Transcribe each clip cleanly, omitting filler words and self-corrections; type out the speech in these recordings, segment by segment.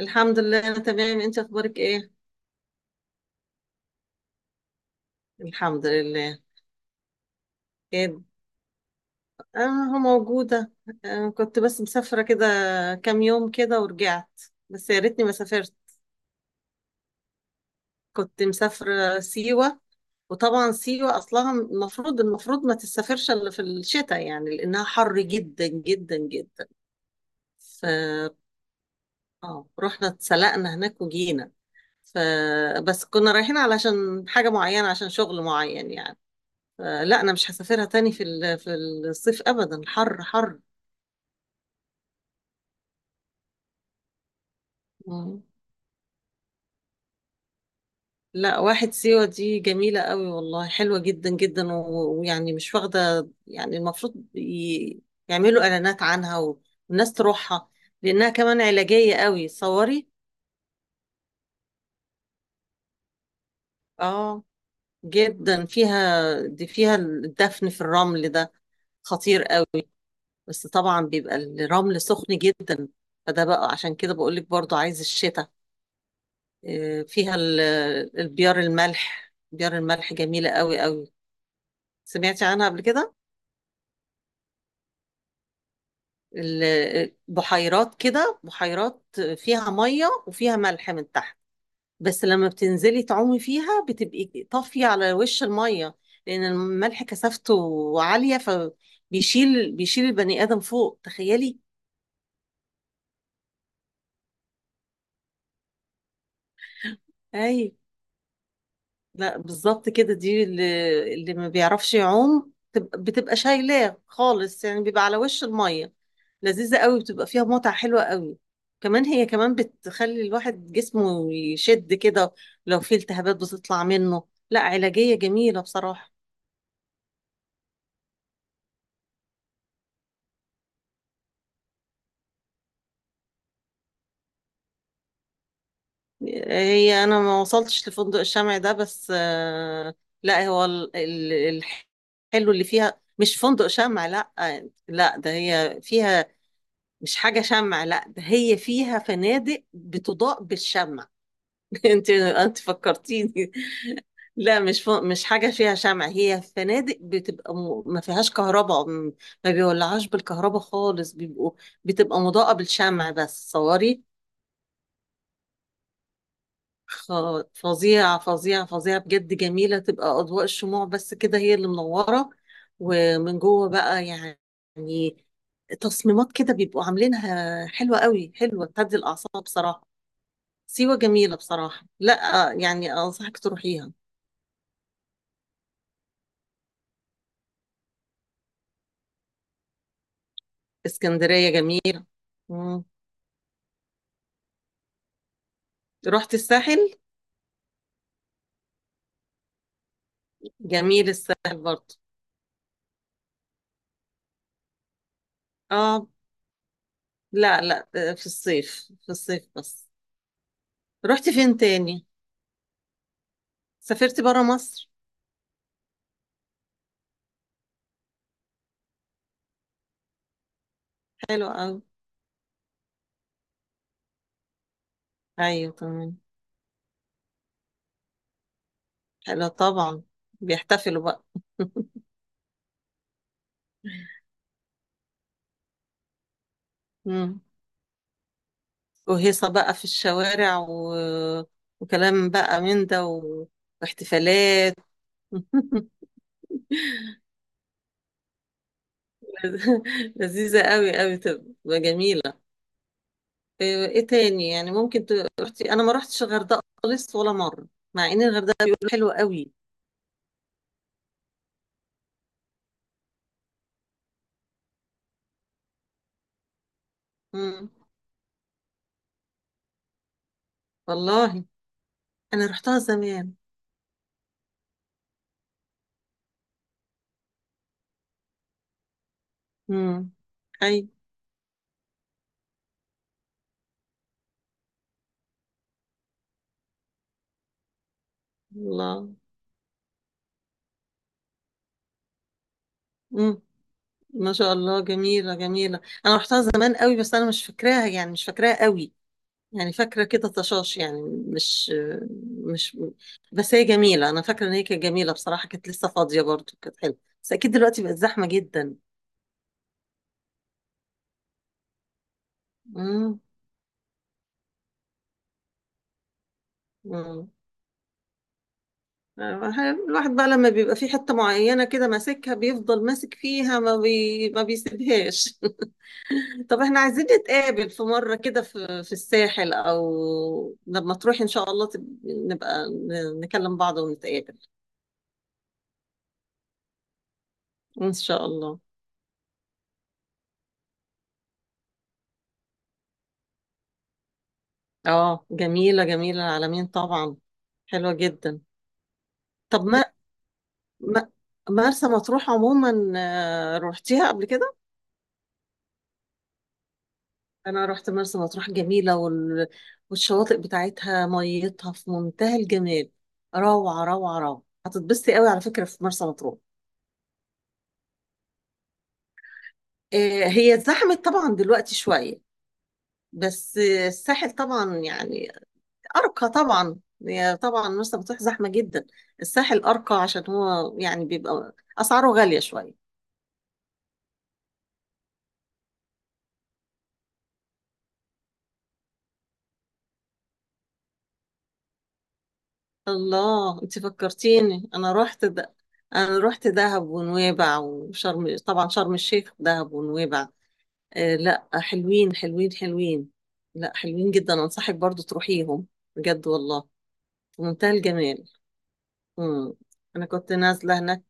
الحمد لله انا تمام. انت اخبارك ايه؟ الحمد لله. كده انا موجوده. كنت بس مسافره كده كام يوم كده ورجعت، بس يا ريتني ما سافرت. كنت مسافره سيوه، وطبعا سيوه اصلها المفروض ما تسافرش الا في الشتاء، يعني لانها حر جدا جدا جدا. ف اه رحنا اتسلقنا هناك وجينا. فبس كنا رايحين علشان حاجه معينه، عشان شغل معين يعني. لا انا مش هسافرها تاني في الصيف ابدا، حر حر. مم. لا واحد، سيوة دي جميلة قوي والله، حلوة جدا جدا ويعني مش واخدة، يعني المفروض يعملوا اعلانات عنها والناس تروحها، لانها كمان علاجية قوي صوري. اه جدا فيها. دي فيها الدفن في الرمل ده، خطير قوي. بس طبعا بيبقى الرمل سخن جدا، فده بقى عشان كده بقول لك، برضو عايز الشتاء. آه، فيها ال- البيار الملح، بيار الملح جميلة قوي قوي. سمعتي عنها قبل كده؟ بحيرات كده، بحيرات فيها مية وفيها ملح من تحت، بس لما بتنزلي تعومي فيها بتبقي طافية على وش المية، لأن الملح كثافته عالية، فبيشيل البني آدم فوق، تخيلي. أي، لا بالظبط كده، دي اللي ما بيعرفش يعوم بتبقى شايلاه خالص، يعني بيبقى على وش المية. لذيذة قوي، بتبقى فيها متعة حلوة قوي. كمان هي كمان بتخلي الواحد جسمه يشد كده، لو في التهابات بتطلع منه. لا علاجية جميلة بصراحة. هي أنا ما وصلتش لفندق الشمع ده، بس لا هو الحلو اللي فيها مش فندق شمع لا، لا ده هي فيها. مش حاجة شمع، لا ده هي فيها فنادق بتضاء بالشمع. انت فكرتيني. لا مش حاجه فيها شمع، هي فنادق بتبقى ما فيهاش كهرباء، ما بيولعوش بالكهرباء خالص، بيبقوا بتبقى مضاءه بالشمع بس صوري. خ... فظيعه بجد، جميله تبقى اضواء الشموع بس كده هي اللي منوره، ومن جوه بقى يعني تصميمات كده بيبقوا عاملينها حلوه قوي، حلوه تهدي الاعصاب بصراحه. سيوه جميله بصراحه، لا يعني انصحك تروحيها. اسكندرية جميلة. مم. رحت الساحل. جميل الساحل برضه. اه، لا لا، في الصيف في الصيف بس. رحت فين تاني؟ سافرت برا مصر. حلو قوي. ايوه تمام، حلو طبعا. بيحتفلوا بقى. مم. وهيصة بقى في الشوارع وكلام بقى من ده واحتفالات. لذيذة قوي قوي، تبقى جميلة. ايه إيه تاني يعني ممكن رحتي؟ انا ما رحتش الغردقه خالص ولا مره، مع ان الغردقه بيقولوا حلوه قوي. امم، والله. انا رحتها زمان. امم، اي. الله. امم، ما شاء الله، جميله جميله. انا رحتها زمان قوي، بس انا مش فاكراها، يعني مش فاكراها قوي، يعني فاكره كده طشاش يعني. مش مش بس هي جميله، انا فاكره ان هي كانت جميله بصراحه، كانت لسه فاضيه برضو، كانت حلوه، بس اكيد دلوقتي بقت زحمه جدا. امم. الواحد بقى لما بيبقى في حتة معينة كده ماسكها، بيفضل ماسك فيها ما بيسيبهاش. طب احنا عايزين نتقابل في مرة كده في الساحل، او لما تروحي ان شاء الله نبقى نكلم بعض ونتقابل. ان شاء الله. اه جميلة جميلة العالمين طبعا، حلوة جدا. طب ما ما مرسى مطروح عموما روحتيها قبل كده؟ انا رحت مرسى مطروح، جميله والشواطئ بتاعتها، ميتها في منتهى الجمال، روعه روعه روعه، هتتبسطي قوي على فكره في مرسى مطروح. هي اتزحمت طبعا دلوقتي شويه، بس الساحل طبعا يعني ارقى طبعا. هي طبعا مرسى مطروح زحمه جدا، الساحل ارقى عشان هو يعني بيبقى اسعاره غاليه شويه. الله انت فكرتيني، انا رحت ده. انا رحت دهب ونويبع وشرم، طبعا شرم الشيخ دهب ونويبع، آه لا حلوين حلوين حلوين، لا حلوين جدا، انصحك برضو تروحيهم. بجد والله، في منتهى الجمال. مم. انا كنت نازله هناك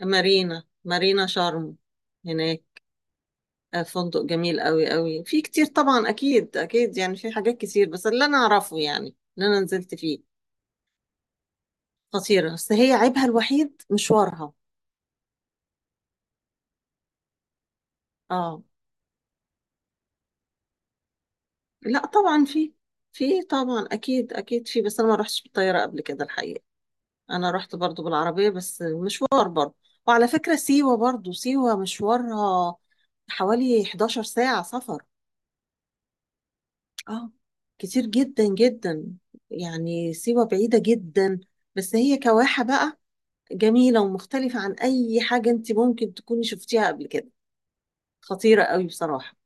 مارينا، مارينا شرم هناك. آه فندق جميل قوي قوي، في كتير طبعا اكيد اكيد يعني، في حاجات كتير، بس اللي انا اعرفه يعني اللي انا نزلت فيه خطيره، بس هي عيبها الوحيد مشوارها. اه لا طبعا في، في طبعا اكيد اكيد في، بس انا ما رحتش بالطياره قبل كده الحقيقه. انا رحت برضو بالعربية، بس مشوار برضو. وعلى فكرة سيوة برضو، سيوة مشوارها حوالي 11 ساعة سفر. اه كتير جدا جدا، يعني سيوة بعيدة جدا. بس هي كواحة بقى، جميلة ومختلفة عن أي حاجة أنت ممكن تكوني شفتيها قبل كده، خطيرة قوي بصراحة.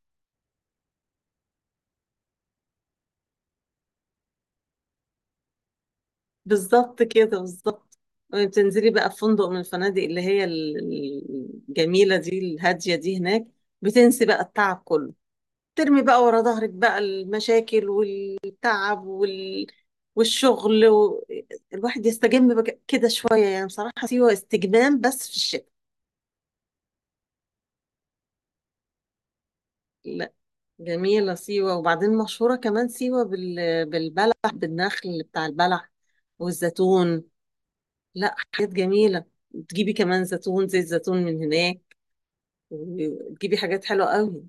بالظبط كده، بالظبط. بتنزلي بقى في فندق من الفنادق اللي الجميلة دي، الهادية دي هناك، بتنسي بقى التعب كله، ترمي بقى ورا ظهرك بقى المشاكل والتعب والشغل الواحد يستجم كده شوية، يعني بصراحة سيوة استجمام بس في الشتاء. لا جميلة سيوة، وبعدين مشهورة كمان سيوة بالبلح، بالنخل بتاع البلح والزيتون. لا حاجات جميلة، تجيبي كمان زيتون، زيت زيتون من هناك، وتجيبي حاجات حلوة قوي.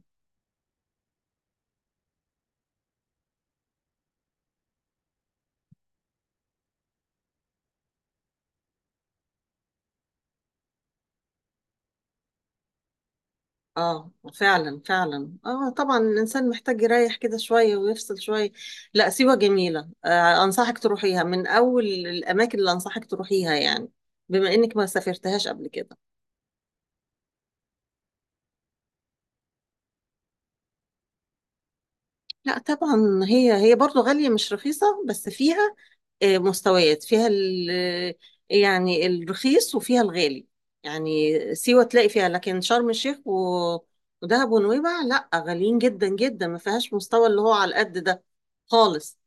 اه فعلا فعلا، اه طبعا الانسان محتاج يريح كده شويه ويفصل شويه. لا سيوه جميله، آه انصحك تروحيها، من اول الاماكن اللي انصحك تروحيها يعني، بما انك ما سافرتهاش قبل كده. لا طبعا، هي هي برضو غاليه مش رخيصه، بس فيها آه مستويات، يعني الرخيص وفيها الغالي، يعني سيوه تلاقي فيها، لكن شرم الشيخ ودهب ونويبع لا غاليين جدا جدا، ما فيهاش مستوى اللي هو على القد ده خالص.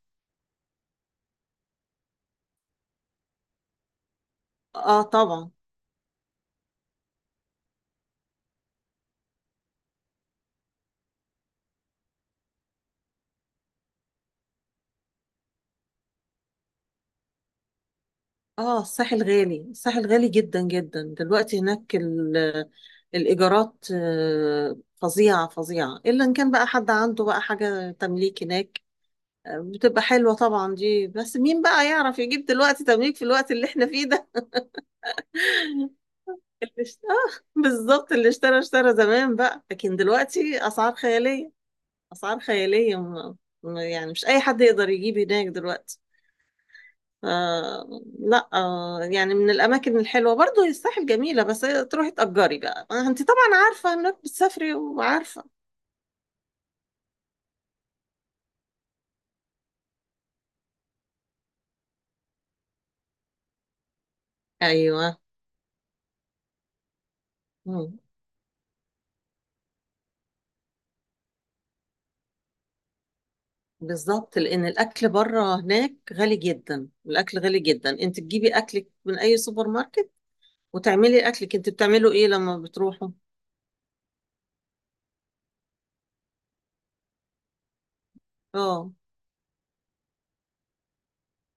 اه طبعا. اه الساحل غالي، الساحل غالي جدا جدا دلوقتي هناك. الإيجارات فظيعة فظيعة، إلا إن كان بقى حد عنده بقى حاجة تمليك هناك. بتبقى حلوة طبعا دي، بس مين بقى يعرف يجيب دلوقتي تمليك في الوقت اللي احنا فيه ده. آه بالظبط، اللي اشترى اشترى زمان بقى، لكن دلوقتي أسعار خيالية، أسعار خيالية م- يعني مش أي حد يقدر يجيب هناك دلوقتي. آه لا آه، يعني من الأماكن الحلوة برضو هي الساحل جميلة، بس هي تروحي تأجري بقى. أنت طبعا عارفة إنك بتسافري وعارفة. أيوه. مم. بالظبط، لأن الأكل بره هناك غالي جدا، الأكل غالي جدا. أنت تجيبي أكلك من أي سوبر ماركت وتعملي أكلك. أنت بتعمله إيه لما بتروحوا؟ أه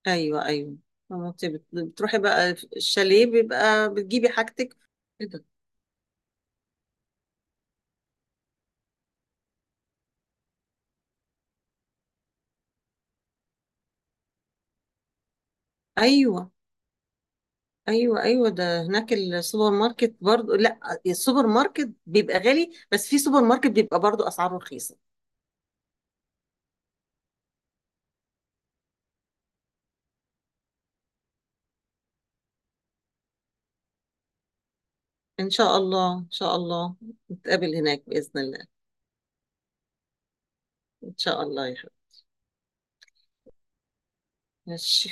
أيوه أيوه. أما أنت بتروحي بقى الشاليه بيبقى بتجيبي حاجتك كده. أيوه ايوه ايوه، ده هناك السوبر ماركت برضو، لا السوبر ماركت بيبقى غالي، بس في سوبر ماركت بيبقى برضو اسعاره رخيصه. ان شاء الله ان شاء الله، نتقابل هناك باذن الله. ان شاء الله يا حبيبي. ماشي.